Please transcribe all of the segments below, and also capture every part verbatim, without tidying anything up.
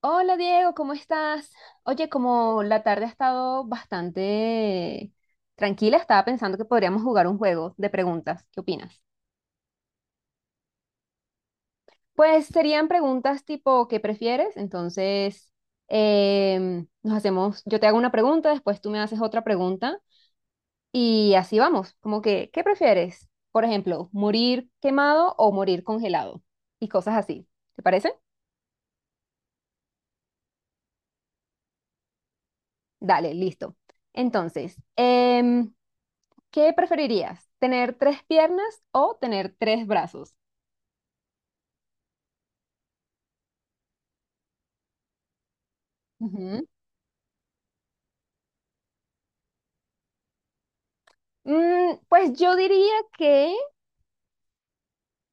Hola Diego, ¿cómo estás? Oye, como la tarde ha estado bastante tranquila, estaba pensando que podríamos jugar un juego de preguntas. ¿Qué opinas? Pues serían preguntas tipo ¿qué prefieres? Entonces, em, nos hacemos, yo te hago una pregunta, después tú me haces otra pregunta y así vamos, como que ¿qué prefieres? Por ejemplo, morir quemado o morir congelado y cosas así. ¿Te parece? Dale, listo. Entonces, em, ¿qué preferirías? ¿Tener tres piernas o tener tres brazos? Ujú. Mm, pues yo diría que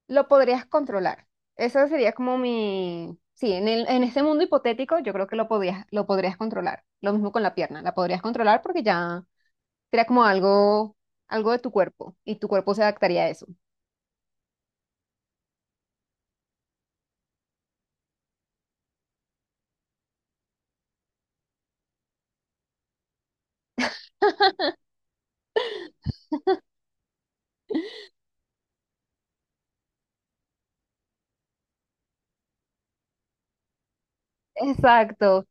lo podrías controlar. Eso sería como mi... Sí, en el, en este mundo hipotético yo creo que lo podías, lo podrías controlar. Lo mismo con la pierna, la podrías controlar porque ya sería como algo, algo de tu cuerpo y tu cuerpo se adaptaría a eso. Exacto.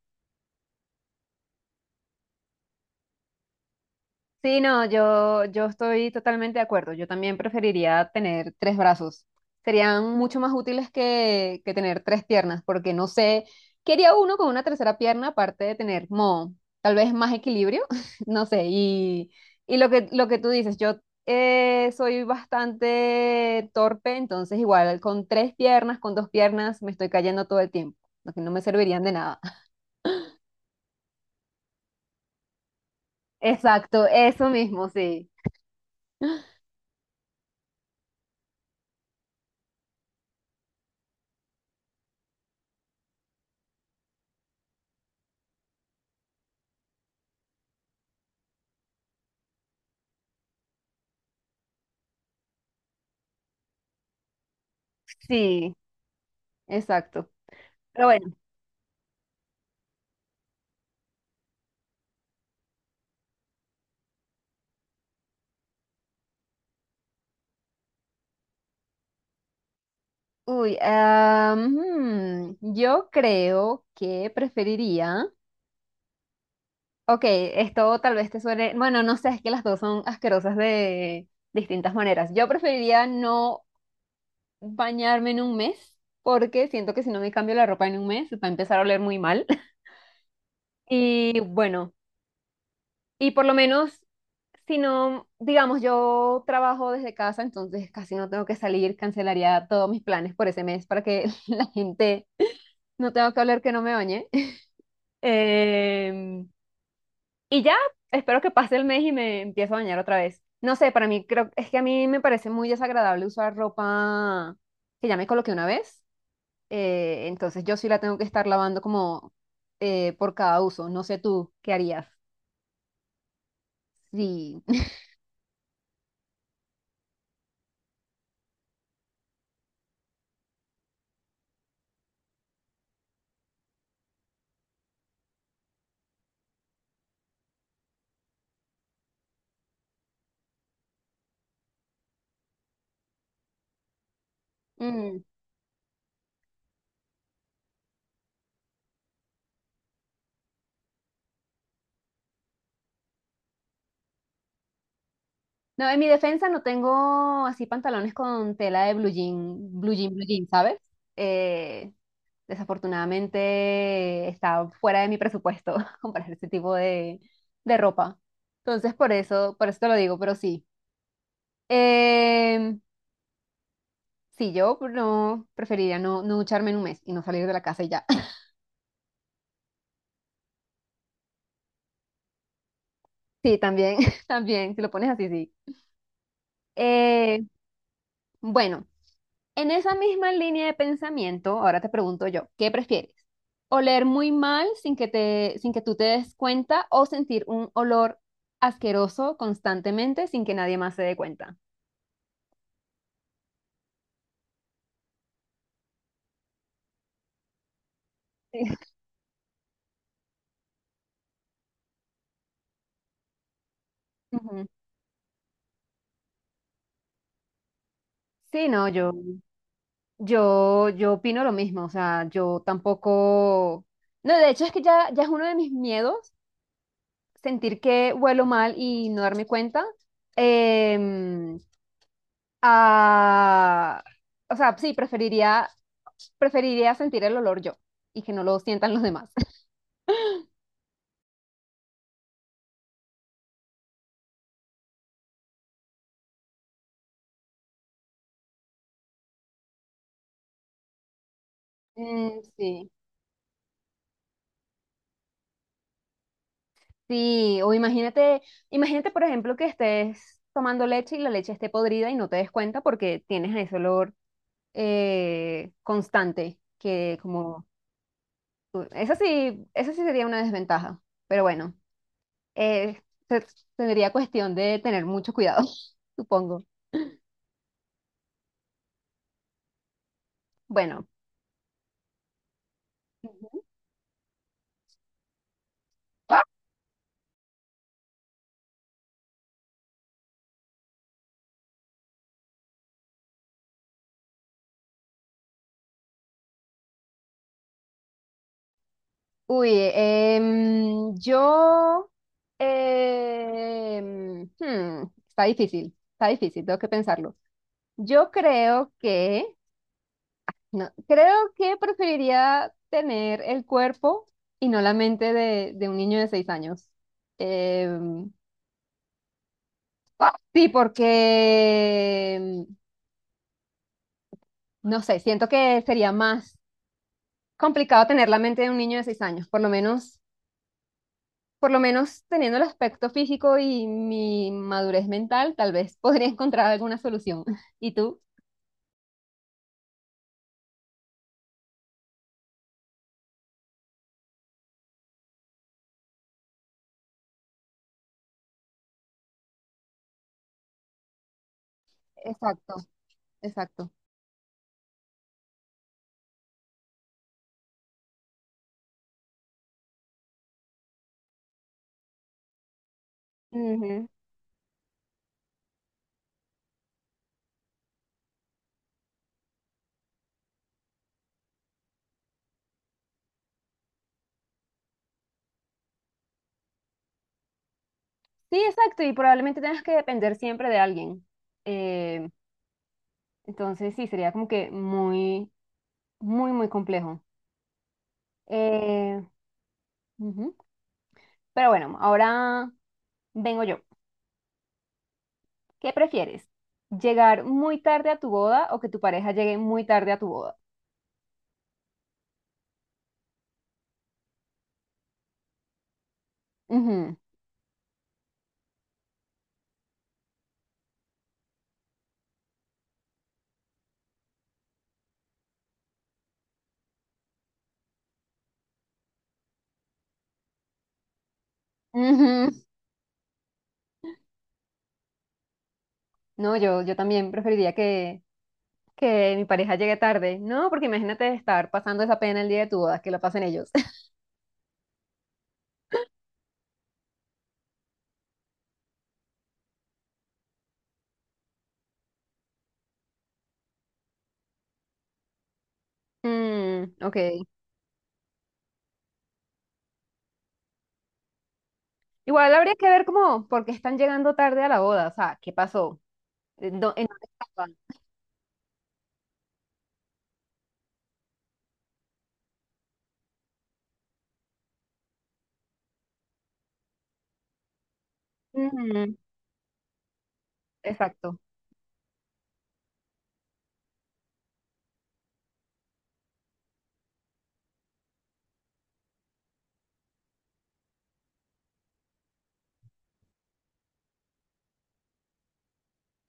Sí, no, yo, yo estoy totalmente de acuerdo. Yo también preferiría tener tres brazos. Serían mucho más útiles que, que tener tres piernas, porque no sé, quería uno con una tercera pierna, aparte de tener como tal vez más equilibrio, no sé. Y, y lo que, lo que tú dices, yo eh, soy bastante torpe, entonces igual con tres piernas, con dos piernas, me estoy cayendo todo el tiempo, lo que no me servirían de nada. Exacto, eso mismo, sí. Sí, exacto. Pero bueno. Uy, ah, hmm, yo creo que preferiría. Ok, esto tal vez te suene. Bueno, no sé, es que las dos son asquerosas de distintas maneras. Yo preferiría no bañarme en un mes, porque siento que si no me cambio la ropa en un mes, va a empezar a oler muy mal. Y bueno, y por lo menos, si no, digamos, yo trabajo desde casa, entonces casi no tengo que salir, cancelaría todos mis planes por ese mes para que la gente no tenga que hablar que no me bañe. Eh, y ya, espero que pase el mes y me empiezo a bañar otra vez. No sé, para mí creo, es que a mí me parece muy desagradable usar ropa que ya me coloqué una vez. Eh, entonces yo sí la tengo que estar lavando como eh, por cada uso. No sé tú, ¿qué harías? Sí. Mm. No, en mi defensa no tengo así pantalones con tela de blue jean, blue jean, blue jean, ¿sabes? Eh, Desafortunadamente está fuera de mi presupuesto comprar este tipo de, de ropa. Entonces, por eso, por eso te lo digo, pero sí. Em, sí, yo no preferiría no, no ducharme en un mes y no salir de la casa y ya. Sí, también, también, si lo pones así, sí. Eh, bueno, en esa misma línea de pensamiento, ahora te pregunto yo, ¿qué prefieres? ¿Oler muy mal sin que te, sin que tú te des cuenta o sentir un olor asqueroso constantemente sin que nadie más se dé cuenta? Sí. Ujú. Sí, no, yo, yo, yo opino lo mismo, o sea, yo tampoco, no, de hecho es que ya, ya es uno de mis miedos sentir que huelo mal y no darme cuenta. Em, a- O sea, sí, preferiría, preferiría sentir el olor yo y que no lo sientan los demás. Mm, sí. Sí, o imagínate, imagínate por ejemplo que estés tomando leche y la leche esté podrida y no te des cuenta porque tienes ese olor eh, constante, que como... Esa sí, esa sí sería una desventaja, pero bueno, eh, se- tendría cuestión de tener mucho cuidado, supongo. Bueno, uy, em, yo... em, hmm, está difícil, está difícil, tengo que pensarlo. Yo creo que... No, creo que preferiría tener el cuerpo y no la mente de, de un niño de seis años. Em, Sí, porque, mm, no sé, siento que sería más complicado tener la mente de un niño de seis años, por lo menos, por lo menos teniendo el aspecto físico y mi madurez mental, tal vez podría encontrar alguna solución. ¿Y tú? Exacto, exacto. Ujú. Sí, exacto, y probablemente tengas que depender siempre de alguien. Eh, entonces, sí, sería como que muy, muy, muy complejo. Eh, ujú. Pero bueno, ahora vengo yo. ¿Qué prefieres? ¿Llegar muy tarde a tu boda o que tu pareja llegue muy tarde a tu boda? Ujú, ujú. No, yo, yo también preferiría que, que mi pareja llegue tarde. No, porque imagínate estar pasando esa pena el día de tu boda, que la pasen ellos. Mm, ok. Igual habría que ver cómo, por qué están llegando tarde a la boda. O sea, ¿qué pasó? ¿En dó- en dónde estaban? Ujú. Exacto.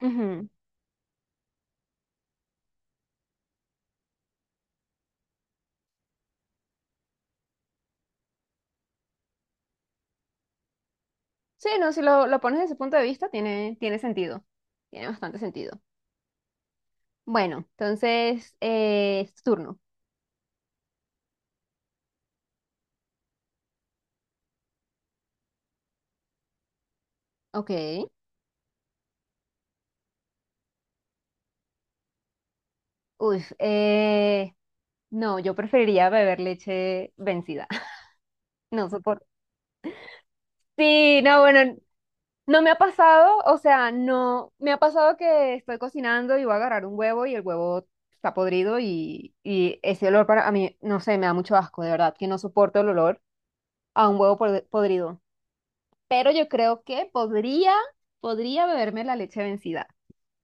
Ujú. Sí, no, si lo, lo pones desde ese punto de vista, tiene, tiene sentido. Tiene bastante sentido. Bueno, entonces eh, es tu turno. Ok. Uy, eh, no, yo preferiría beber leche vencida. No soporto. Sí, no, bueno, no me ha pasado, o sea, no, me ha pasado que estoy cocinando y voy a agarrar un huevo y el huevo está podrido y, y ese olor para a mí, no sé, me da mucho asco, de verdad, que no soporto el olor a un huevo pod- podrido. Pero yo creo que podría, podría beberme la leche vencida.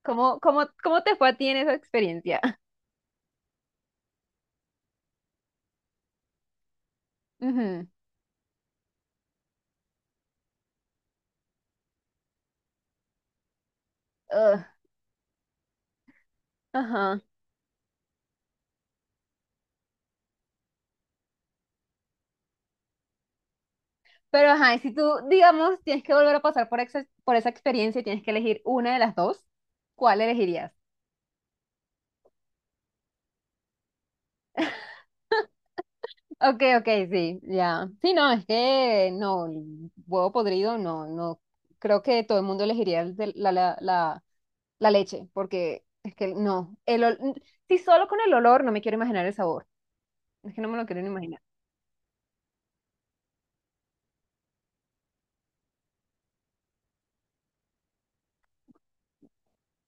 ¿Cómo, cómo, cómo te fue a ti en esa experiencia? Ujú. Ugh, ajá. Pero ajá, y si tú, digamos, tienes que volver a pasar por, exa- por esa experiencia y tienes que elegir una de las dos, ¿cuál elegirías? Ok, ok, sí, ya. Sí, no, es que no, el huevo podrido, no, no. Creo que todo el mundo elegiría el de- la, la, la, la leche, porque es que no. El ol- si solo con el olor no me quiero imaginar el sabor. Es que no me lo quiero ni imaginar.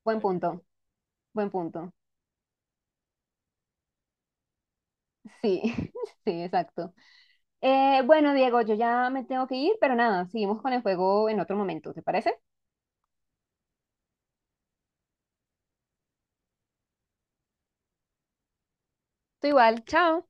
Buen punto, buen punto. Sí, sí, exacto. Eh, bueno, Diego, yo ya me tengo que ir, pero nada, seguimos con el juego en otro momento, ¿te parece? Tú igual, chao.